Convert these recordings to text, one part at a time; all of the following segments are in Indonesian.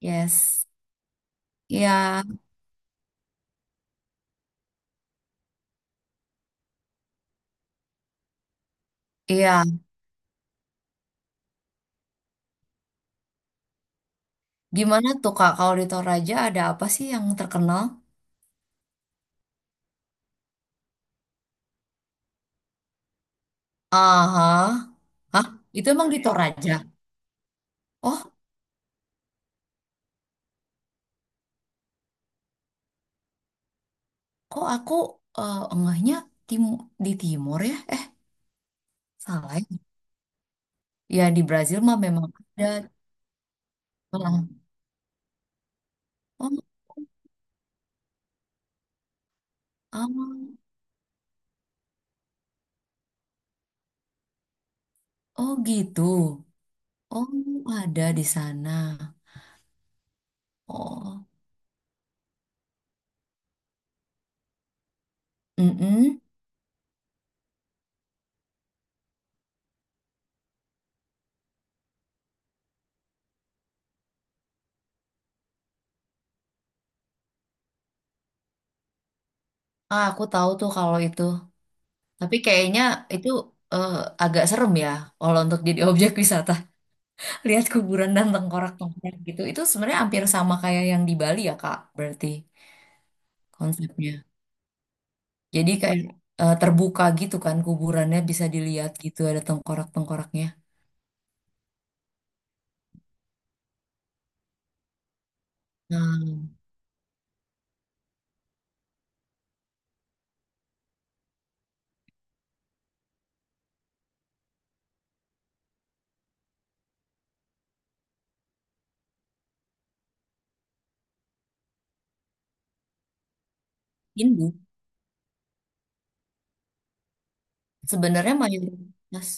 Yes. Iya, iya. gimana tuh Kak, kalau di Toraja ada apa sih yang terkenal? Aha. Hah? Itu emang di Toraja? Oh, kok aku enggaknya tim di timur ya? Eh, salah ya. Ya, di Brazil mah memang ada. Malang. Oh, ah. Oh gitu. Oh, ada di sana. Oh. Mm-mm. Ah, aku tahu tuh kalau itu. Tapi kayaknya itu eh, agak serem ya kalau untuk jadi objek wisata. Lihat kuburan dan tengkorak-tengkorak gitu. Itu sebenarnya hampir sama kayak yang di Bali ya, Kak, berarti konsepnya. Jadi kayak terbuka gitu kan kuburannya bisa dilihat gitu ada tengkorak-tengkoraknya. Nah, Hindu sebenarnya mayoritas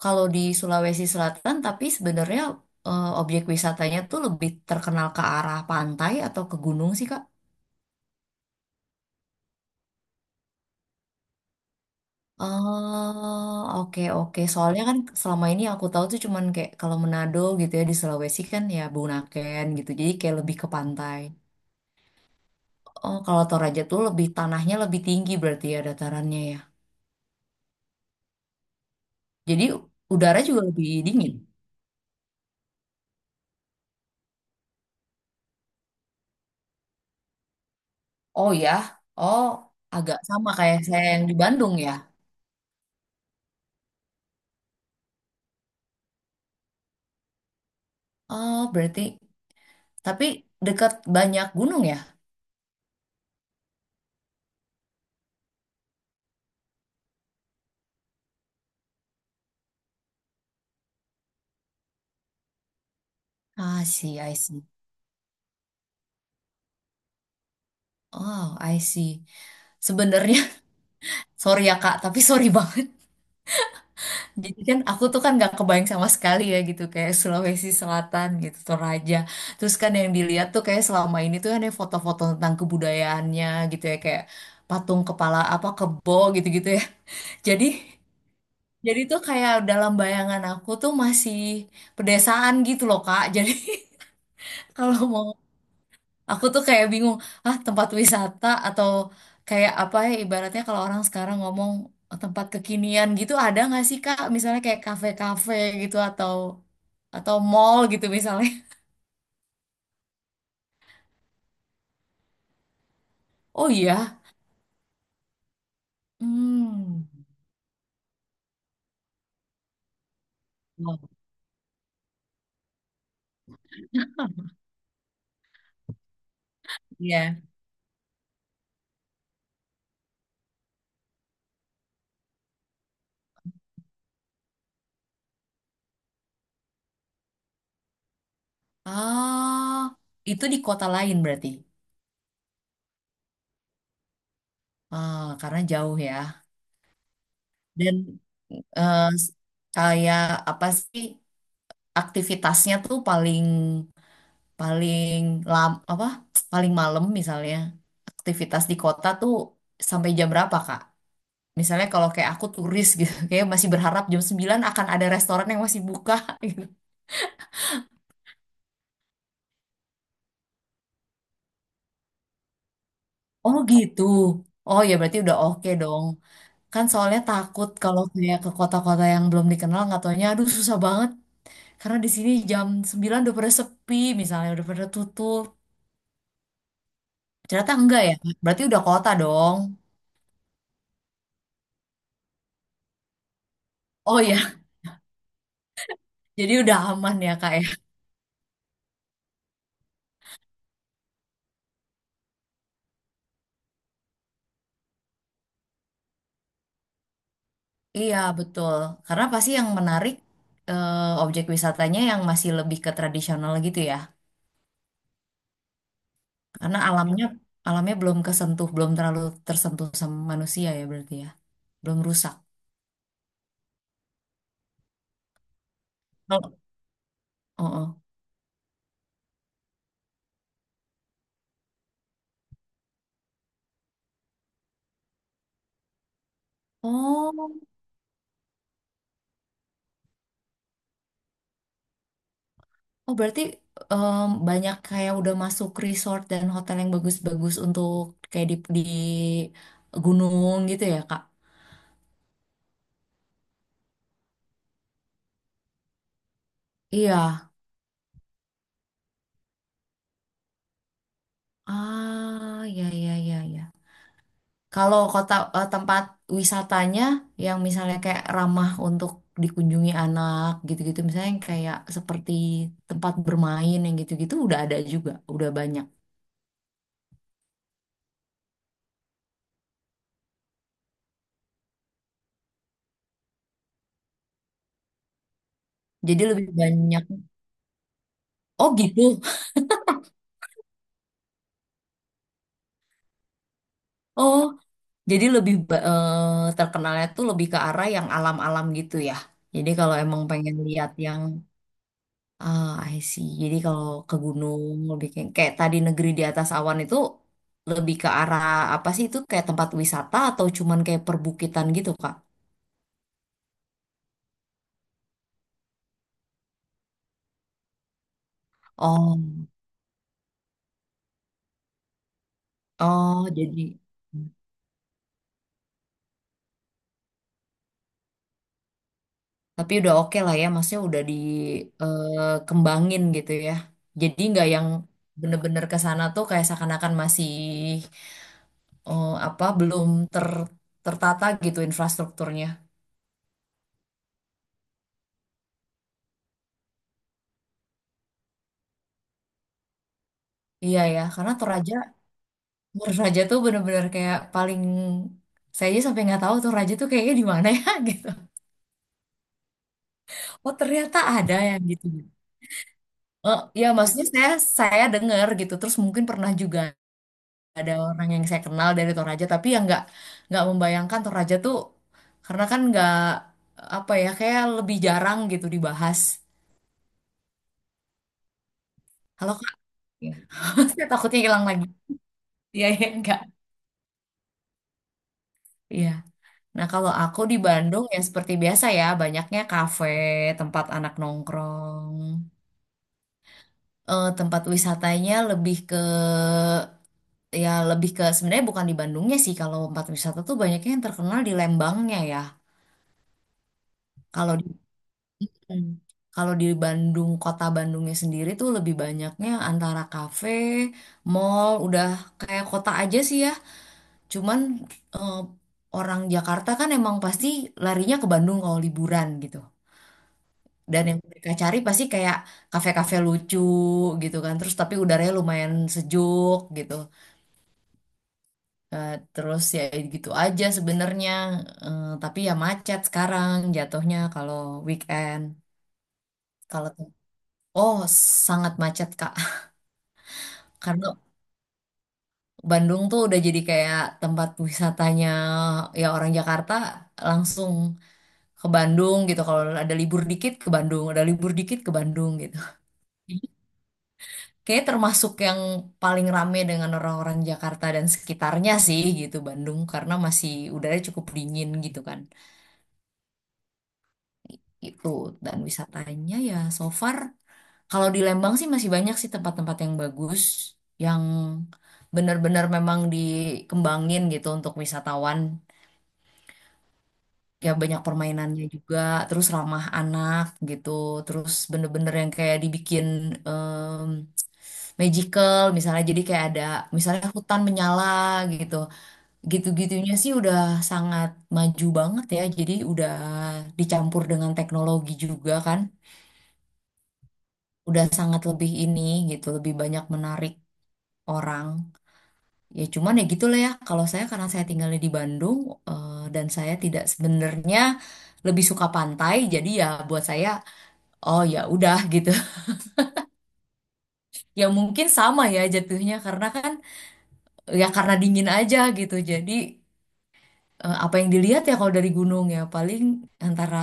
kalau di Sulawesi Selatan tapi sebenarnya objek wisatanya tuh lebih terkenal ke arah pantai atau ke gunung sih, Kak? Oh, oke oke. soalnya kan selama ini yang aku tahu tuh cuman kayak kalau Manado gitu ya di Sulawesi kan ya Bunaken gitu. Jadi kayak lebih ke pantai. Oh, kalau Toraja tuh lebih tanahnya lebih tinggi berarti ya datarannya ya. Jadi udara juga lebih dingin. Oh ya. Oh, agak sama kayak saya yang di Bandung ya. Oh, berarti tapi dekat banyak gunung ya. Ah, I see, I see. Oh, I see. Sebenarnya sorry ya Kak, tapi sorry banget. Jadi kan aku tuh kan nggak kebayang sama sekali ya gitu kayak Sulawesi Selatan gitu Toraja. Terus kan yang dilihat tuh kayak selama ini tuh ada foto-foto tentang kebudayaannya gitu ya kayak patung kepala apa kebo gitu-gitu ya. Jadi jadi tuh kayak dalam bayangan aku tuh masih pedesaan gitu loh Kak. Jadi kalau mau aku tuh kayak bingung, ah tempat wisata atau kayak apa ya ibaratnya kalau orang sekarang ngomong tempat kekinian gitu ada nggak sih Kak? Misalnya kayak kafe-kafe gitu atau mall gitu misalnya. Oh iya. Hmm. Oh, iya. Ah, itu di kota lain berarti. Ah, karena jauh ya. Dan eh, kayak apa sih aktivitasnya tuh paling paling lam apa paling malam misalnya aktivitas di kota tuh sampai jam berapa Kak? Misalnya kalau kayak aku turis gitu, kayak masih berharap jam 9 akan ada restoran yang masih buka gitu. Oh gitu. Oh ya berarti udah oke dong. Kan soalnya takut kalau kayak ke kota-kota yang belum dikenal nggak taunya aduh susah banget karena di sini jam 9 udah pada sepi misalnya udah pada tutup. Ternyata enggak ya. Berarti udah kota dong. Oh ya, jadi udah aman ya Kak ya? Iya, betul. Karena pasti yang menarik eh, objek wisatanya yang masih lebih ke tradisional gitu ya. Karena alamnya alamnya belum kesentuh, belum terlalu tersentuh sama manusia ya berarti ya. Belum rusak. Kalau- Oh, oh. Oh, oh, berarti em, banyak kayak udah masuk resort dan hotel yang bagus-bagus untuk kayak di gunung gitu ya, Kak? Iya. Ah, ya ya ya ya. Kalau kota tempat wisatanya yang misalnya kayak ramah untuk dikunjungi anak gitu-gitu, misalnya yang kayak seperti tempat bermain yang gitu-gitu udah ada juga, udah banyak. Jadi lebih banyak. Oh gitu. Oh, jadi lebih ba- terkenalnya tuh lebih ke arah yang alam-alam gitu ya. Jadi kalau emang pengen lihat yang ah, I see. Jadi kalau ke gunung lebih kayak, kayak tadi negeri di atas awan itu lebih ke arah apa sih itu kayak tempat wisata atau cuman kayak perbukitan gitu, Kak? Oh, oh jadi tapi udah oke lah ya, maksudnya udah dikembangin gitu ya. Jadi nggak yang bener-bener ke sana tuh kayak seakan-akan masih apa belum ter tertata gitu infrastrukturnya. Iya ya, karena Toraja menurut Raja tuh bener-bener kayak paling saya aja sampai nggak tahu tuh Raja tuh kayaknya di mana ya gitu. Oh ternyata ada yang gitu. Oh ya maksudnya saya dengar gitu. Terus mungkin pernah juga ada orang yang saya kenal dari Toraja tapi yang nggak membayangkan Toraja tuh karena kan nggak apa ya kayak lebih jarang gitu dibahas. Halo Kak. Ya. Saya takutnya hilang lagi. Iya iya enggak. Iya. Nah, kalau aku di Bandung ya seperti biasa ya, banyaknya kafe, tempat anak nongkrong. Eh, tempat wisatanya lebih ke ya lebih ke sebenarnya bukan di Bandungnya sih kalau tempat wisata tuh banyaknya yang terkenal di Lembangnya ya. Kalau di hmm, kalau di Bandung kota Bandungnya sendiri tuh lebih banyaknya antara kafe, mall, udah kayak kota aja sih ya. Cuman eh, orang Jakarta kan emang pasti larinya ke Bandung kalau liburan gitu. Dan yang mereka cari pasti kayak kafe-kafe lucu gitu kan. Terus tapi udaranya lumayan sejuk gitu. Eh, terus ya gitu aja sebenarnya. Eh, tapi ya macet sekarang jatuhnya kalau weekend kalau oh sangat macet Kak karena Bandung tuh udah jadi kayak tempat wisatanya ya orang Jakarta langsung ke Bandung gitu kalau ada libur dikit ke Bandung ada libur dikit ke Bandung gitu kayak termasuk yang paling rame dengan orang-orang Jakarta dan sekitarnya sih gitu Bandung karena masih udaranya cukup dingin gitu kan itu dan wisatanya ya so far kalau di Lembang sih masih banyak sih tempat-tempat yang bagus yang benar-benar memang dikembangin gitu untuk wisatawan ya banyak permainannya juga terus ramah anak gitu terus bener-bener yang kayak dibikin em, magical misalnya jadi kayak ada misalnya hutan menyala gitu gitu-gitunya sih udah sangat maju banget ya jadi udah dicampur dengan teknologi juga kan udah sangat lebih ini gitu, lebih banyak menarik orang. Ya cuman ya gitu lah ya, kalau saya karena saya tinggalnya di Bandung dan saya tidak sebenarnya lebih suka pantai, jadi ya buat saya oh ya udah gitu. Ya mungkin sama ya jatuhnya karena kan ya karena dingin aja gitu. Jadi apa yang dilihat ya kalau dari gunung ya paling antara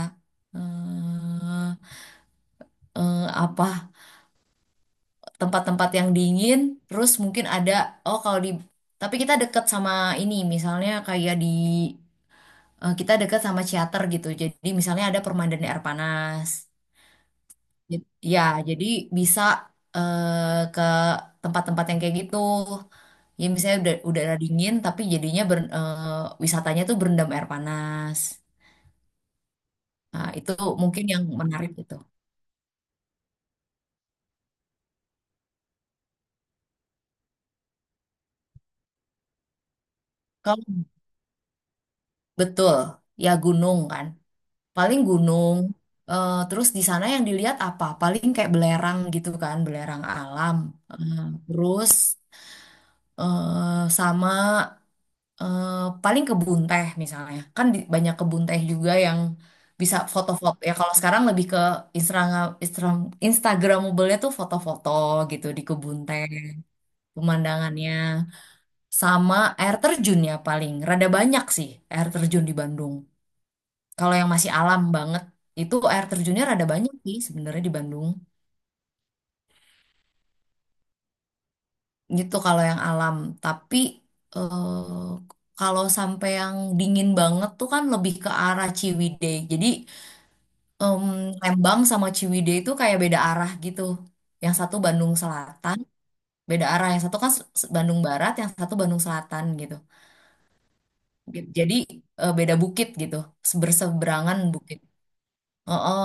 eh apa tempat-tempat yang dingin, terus mungkin ada oh kalau di tapi kita deket sama ini misalnya kayak di kita deket sama ciater gitu. Jadi misalnya ada permandan air panas. Jadi- ya, jadi bisa ke tempat-tempat yang kayak gitu. Ya misalnya udah udara dingin tapi jadinya ber- wisatanya tuh berendam air panas. Nah, itu mungkin yang menarik gitu. Kalau betul, ya gunung kan. Paling gunung. Eh, terus di sana yang dilihat apa paling kayak belerang gitu kan belerang alam. Eh, terus sama eh, paling kebun teh misalnya kan di- banyak kebun teh juga yang bisa foto-foto ya kalau sekarang lebih ke Instagram Instagram Instagramable-nya tuh foto-foto gitu di kebun teh pemandangannya sama air terjun ya paling rada banyak sih air terjun di Bandung. Kalau yang masih alam banget itu air terjunnya rada banyak sih sebenarnya di Bandung. Gitu kalau yang alam, tapi kalau sampai yang dingin banget tuh kan lebih ke arah Ciwidey. Jadi em, Lembang sama Ciwidey itu kayak beda arah gitu. Yang satu Bandung Selatan, beda arah. Yang satu kan s- Bandung Barat, yang satu Bandung Selatan gitu. Jadi beda bukit gitu, berseberangan bukit. Heeh.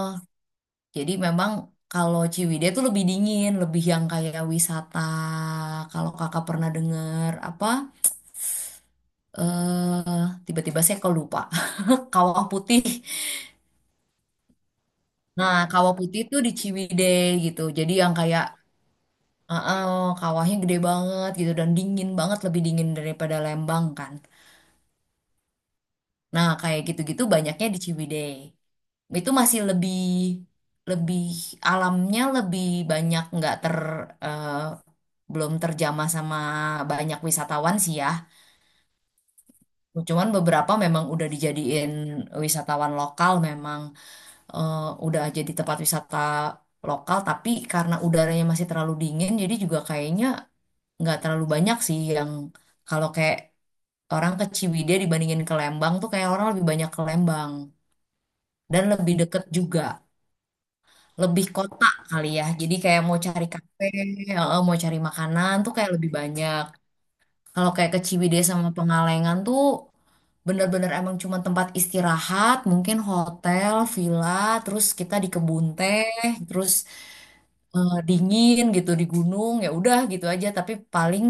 Jadi memang kalau Ciwidey itu lebih dingin, lebih yang kayak wisata. Kalau kakak pernah denger apa? Eh, tiba-tiba saya kok lupa. Kawah Putih. Nah, Kawah Putih itu di Ciwidey gitu. Jadi yang kayak eh, eh, kawahnya gede banget gitu dan dingin banget, lebih dingin daripada Lembang kan. Nah, kayak gitu-gitu banyaknya di Ciwidey. Itu masih lebih lebih alamnya lebih banyak nggak ter eh, belum terjamah sama banyak wisatawan sih ya. Cuman beberapa memang udah dijadiin wisatawan lokal memang eh, udah jadi tempat wisata lokal tapi karena udaranya masih terlalu dingin jadi juga kayaknya nggak terlalu banyak sih yang kalau kayak orang ke Ciwidey dibandingin ke Lembang tuh kayak orang lebih banyak ke Lembang dan lebih deket juga. Lebih kota kali ya, jadi kayak mau cari kafe, mau cari makanan tuh kayak lebih banyak. Kalau kayak ke Ciwidey sama Pengalengan tuh bener-bener emang cuma tempat istirahat, mungkin hotel, villa, terus kita di kebun teh, terus dingin gitu di gunung, ya udah gitu aja. Tapi paling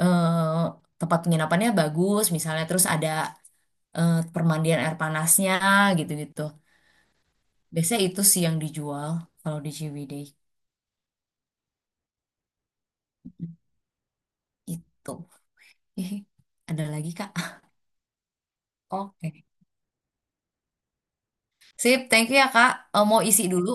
eh, tempat penginapannya bagus, misalnya terus ada permandian air panasnya gitu-gitu. Biasanya itu sih yang dijual kalau di Ciwidey. Itu. Ada lagi Kak? Oke. Sip, thank you ya Kak. Eh, mau isi dulu.